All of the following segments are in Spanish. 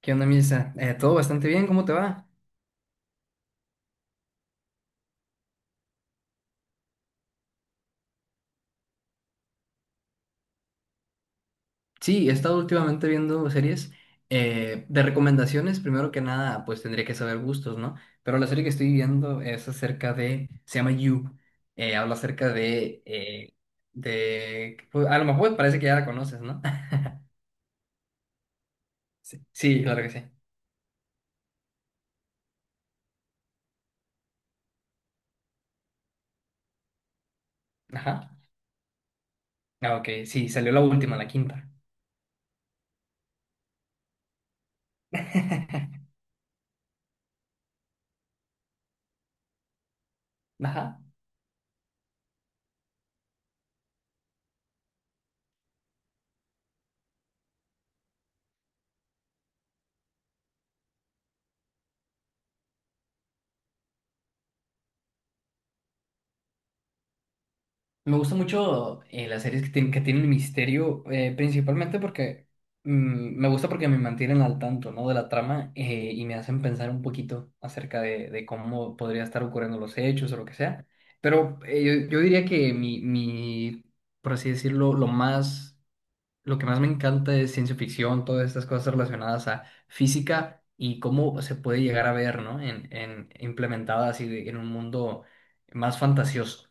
¿Qué onda, Misa? Todo bastante bien, ¿cómo te va? Sí, he estado últimamente viendo series de recomendaciones. Primero que nada, pues tendría que saber gustos, ¿no? Pero la serie que estoy viendo es acerca de, se llama You. Habla acerca de, pues, a lo mejor parece que ya la conoces, ¿no? Sí, sí, claro que sí. Ajá. Ah, ok, sí, salió la última, la quinta. Ajá. Me gusta mucho las series que tienen misterio, principalmente porque me gusta porque me mantienen al tanto, ¿no?, de la trama y me hacen pensar un poquito acerca de cómo podría estar ocurriendo los hechos o lo que sea. Pero yo diría que por así decirlo, lo que más me encanta es ciencia ficción, todas estas cosas relacionadas a física y cómo se puede llegar a ver, ¿no? Implementadas en un mundo más fantasioso.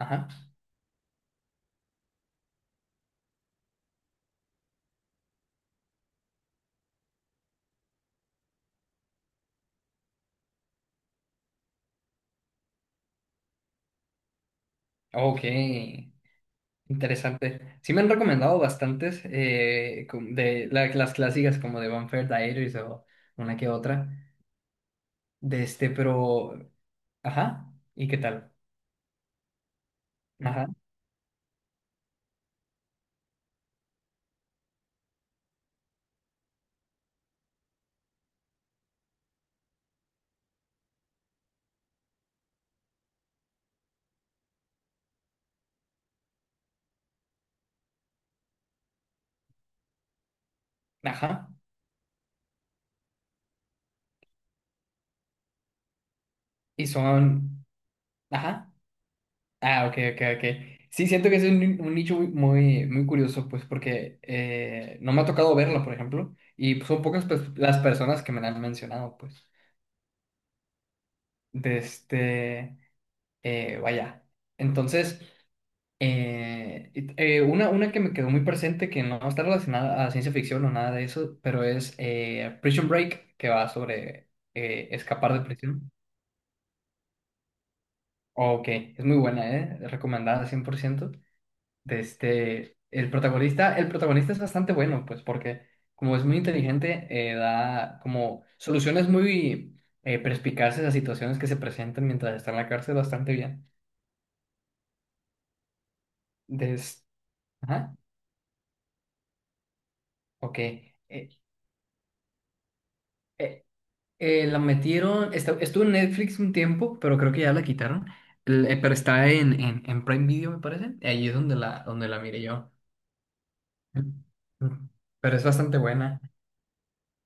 Ajá. Ok, interesante. Sí me han recomendado bastantes las clásicas como de Vampire Diaries o una que otra. De este, pero... Ajá. ¿Y qué tal? Ajá. Ajá. Y son... Ajá. Ah, ok, ok, ok. Sí, siento que es un nicho muy, muy, muy curioso, pues porque no me ha tocado verlo, por ejemplo. Y pues, son pocas pues, las personas que me la han mencionado, pues. De este... vaya. Entonces... una que me quedó muy presente, que no está relacionada a ciencia ficción o nada de eso, pero es Prison Break, que va sobre escapar de prisión. Ok, es muy buena, ¿eh? Recomendada 100%. De este, el protagonista es bastante bueno, pues porque como es muy inteligente, da como soluciones muy perspicaces a situaciones que se presentan mientras está en la cárcel. Bastante bien. Des... Ajá, ok. Eh, la metieron, estuvo en Netflix un tiempo, pero creo que ya la quitaron. Pero está en Prime Video, me parece. Ahí es donde donde la miré yo. Mm. Pero es bastante buena.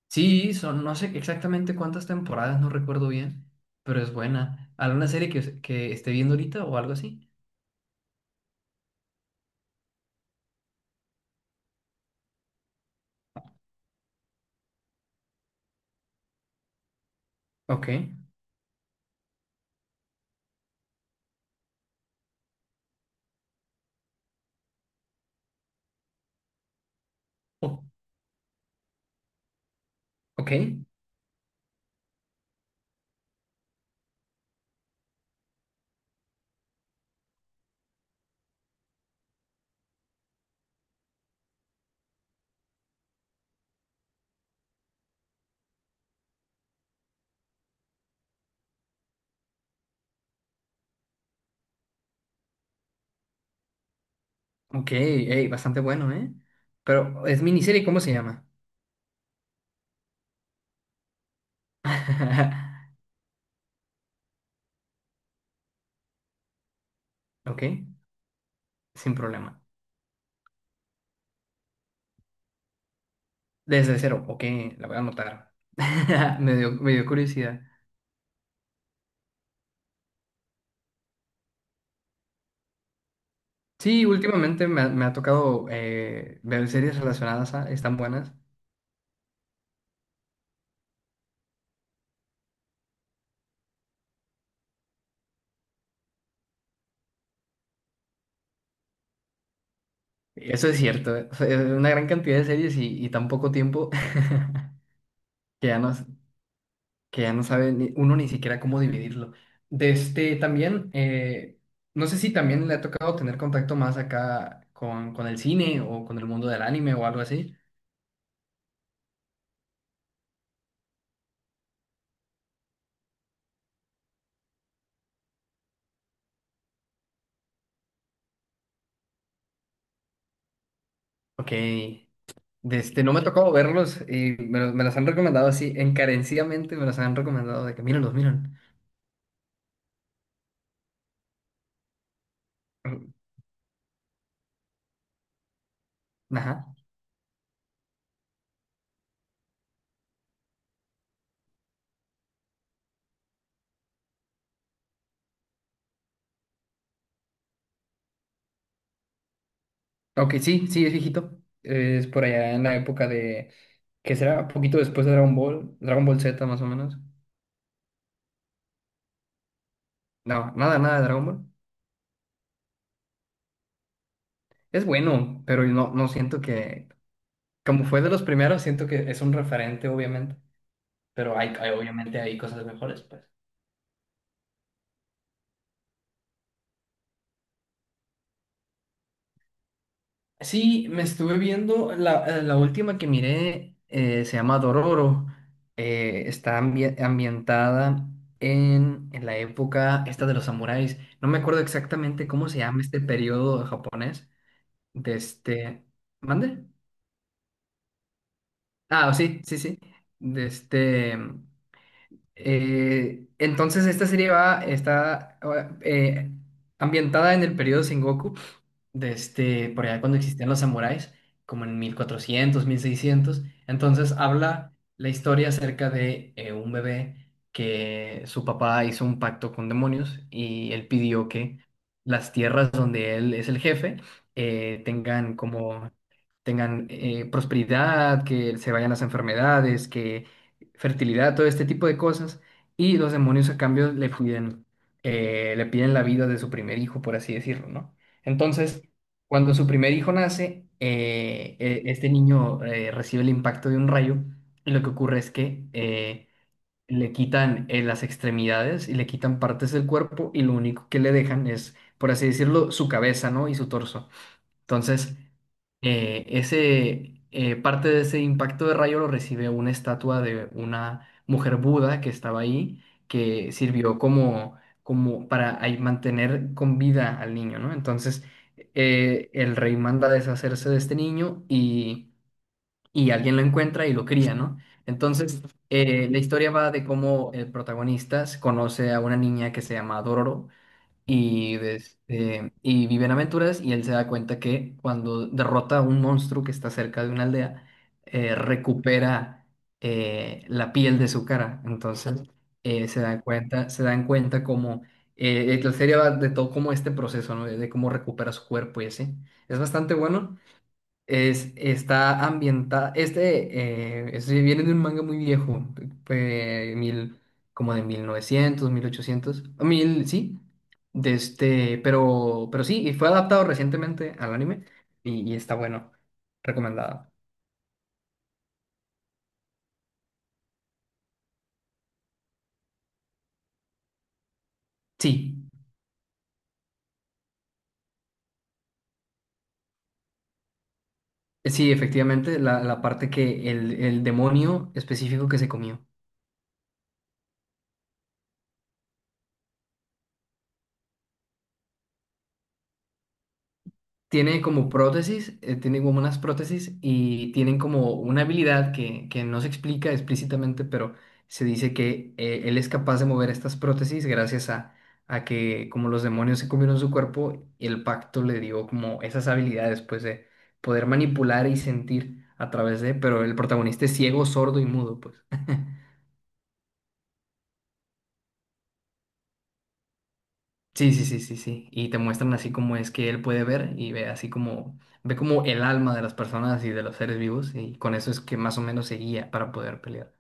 Sí, son, no sé exactamente cuántas temporadas, no recuerdo bien, pero es buena. ¿Alguna serie que esté viendo ahorita o algo así? Ok. O- ok. Ok. Ey, bastante bueno, ¿eh? Pero es miniserie, ¿cómo se llama? Ok, sin problema. Desde Cero, ok, la voy a anotar. Me dio curiosidad. Sí, últimamente me ha tocado ver series relacionadas a, están buenas. Eso es cierto, eh. O sea, es una gran cantidad de series y tan poco tiempo que ya no, que ya no sabe uno ni siquiera cómo dividirlo. De este también, no sé si también le ha tocado tener contacto más acá con el cine o con el mundo del anime o algo así. Ok. De este, no me ha tocado verlos y me los han recomendado así, encarecidamente me los han recomendado de que mírenlos, miren. Ajá. Ok, sí, sí, es viejito. Es por allá en la época de, que será poquito después de Dragon Ball, Dragon Ball Z más o menos. No, nada, nada de Dragon Ball. Es bueno, pero no, no siento que, como fue de los primeros, siento que es un referente, obviamente. Pero hay, obviamente hay cosas mejores, pues. Sí, me estuve viendo la, la última que miré, se llama Dororo. Está ambientada en la época esta de los samuráis. No me acuerdo exactamente cómo se llama este periodo japonés. De este. ¿Mande? Ah, sí, sí, sí. De este. Entonces esta serie está eh, ambientada en el periodo Sengoku, de este, por allá cuando existían los samuráis, como en 1400, 1600. Entonces habla la historia acerca de un bebé que su papá hizo un pacto con demonios y él pidió que las tierras donde él es el jefe eh, tengan como tengan prosperidad, que se vayan las enfermedades, que fertilidad, todo este tipo de cosas, y los demonios a cambio le piden la vida de su primer hijo, por así decirlo, ¿no? Entonces, cuando su primer hijo nace, este niño recibe el impacto de un rayo y lo que ocurre es que le quitan las extremidades y le quitan partes del cuerpo, y lo único que le dejan es, por así decirlo, su cabeza, ¿no? Y su torso. Entonces, parte de ese impacto de rayo lo recibe una estatua de una mujer Buda que estaba ahí, que sirvió como, para ahí mantener con vida al niño, ¿no? Entonces, el rey manda a deshacerse de este niño y alguien lo encuentra y lo cría, ¿no? Entonces, la historia va de cómo el protagonista conoce a una niña que se llama Dororo y viven aventuras, y él se da cuenta que cuando derrota a un monstruo que está cerca de una aldea, recupera la piel de su cara. Entonces se dan cuenta como la serie va de todo como este proceso, ¿no? De cómo recupera su cuerpo y así. Es bastante bueno. Está ambientada. Este, este viene de un manga muy viejo, mil, como de 1900, 1800, o mil, sí. De este, pero, sí, y fue adaptado recientemente al anime, y está bueno. Recomendado. Sí, sí, efectivamente, la parte que el demonio específico que se comió. Tiene como prótesis, tiene como unas prótesis, y tienen como una habilidad que no se explica explícitamente, pero se dice que él es capaz de mover estas prótesis gracias a que como los demonios se comieron su cuerpo, el pacto le dio como esas habilidades pues de poder manipular y sentir a través de, pero el protagonista es ciego, sordo y mudo, pues. Sí, sí, sí, sí, sí. Y te muestran así como es que él puede ver, y ve así como, ve como el alma de las personas y de los seres vivos, y con eso es que más o menos se guía para poder pelear.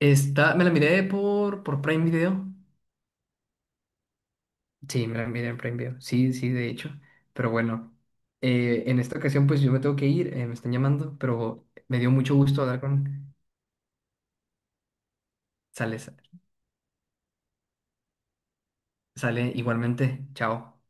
Está, me la miré por Prime Video. Sí, me la miré en Prime Video. Sí, sí, de hecho. Pero bueno, en esta ocasión pues yo me tengo que ir, me están llamando, pero me dio mucho gusto hablar con... Sale, sale igualmente. Chao.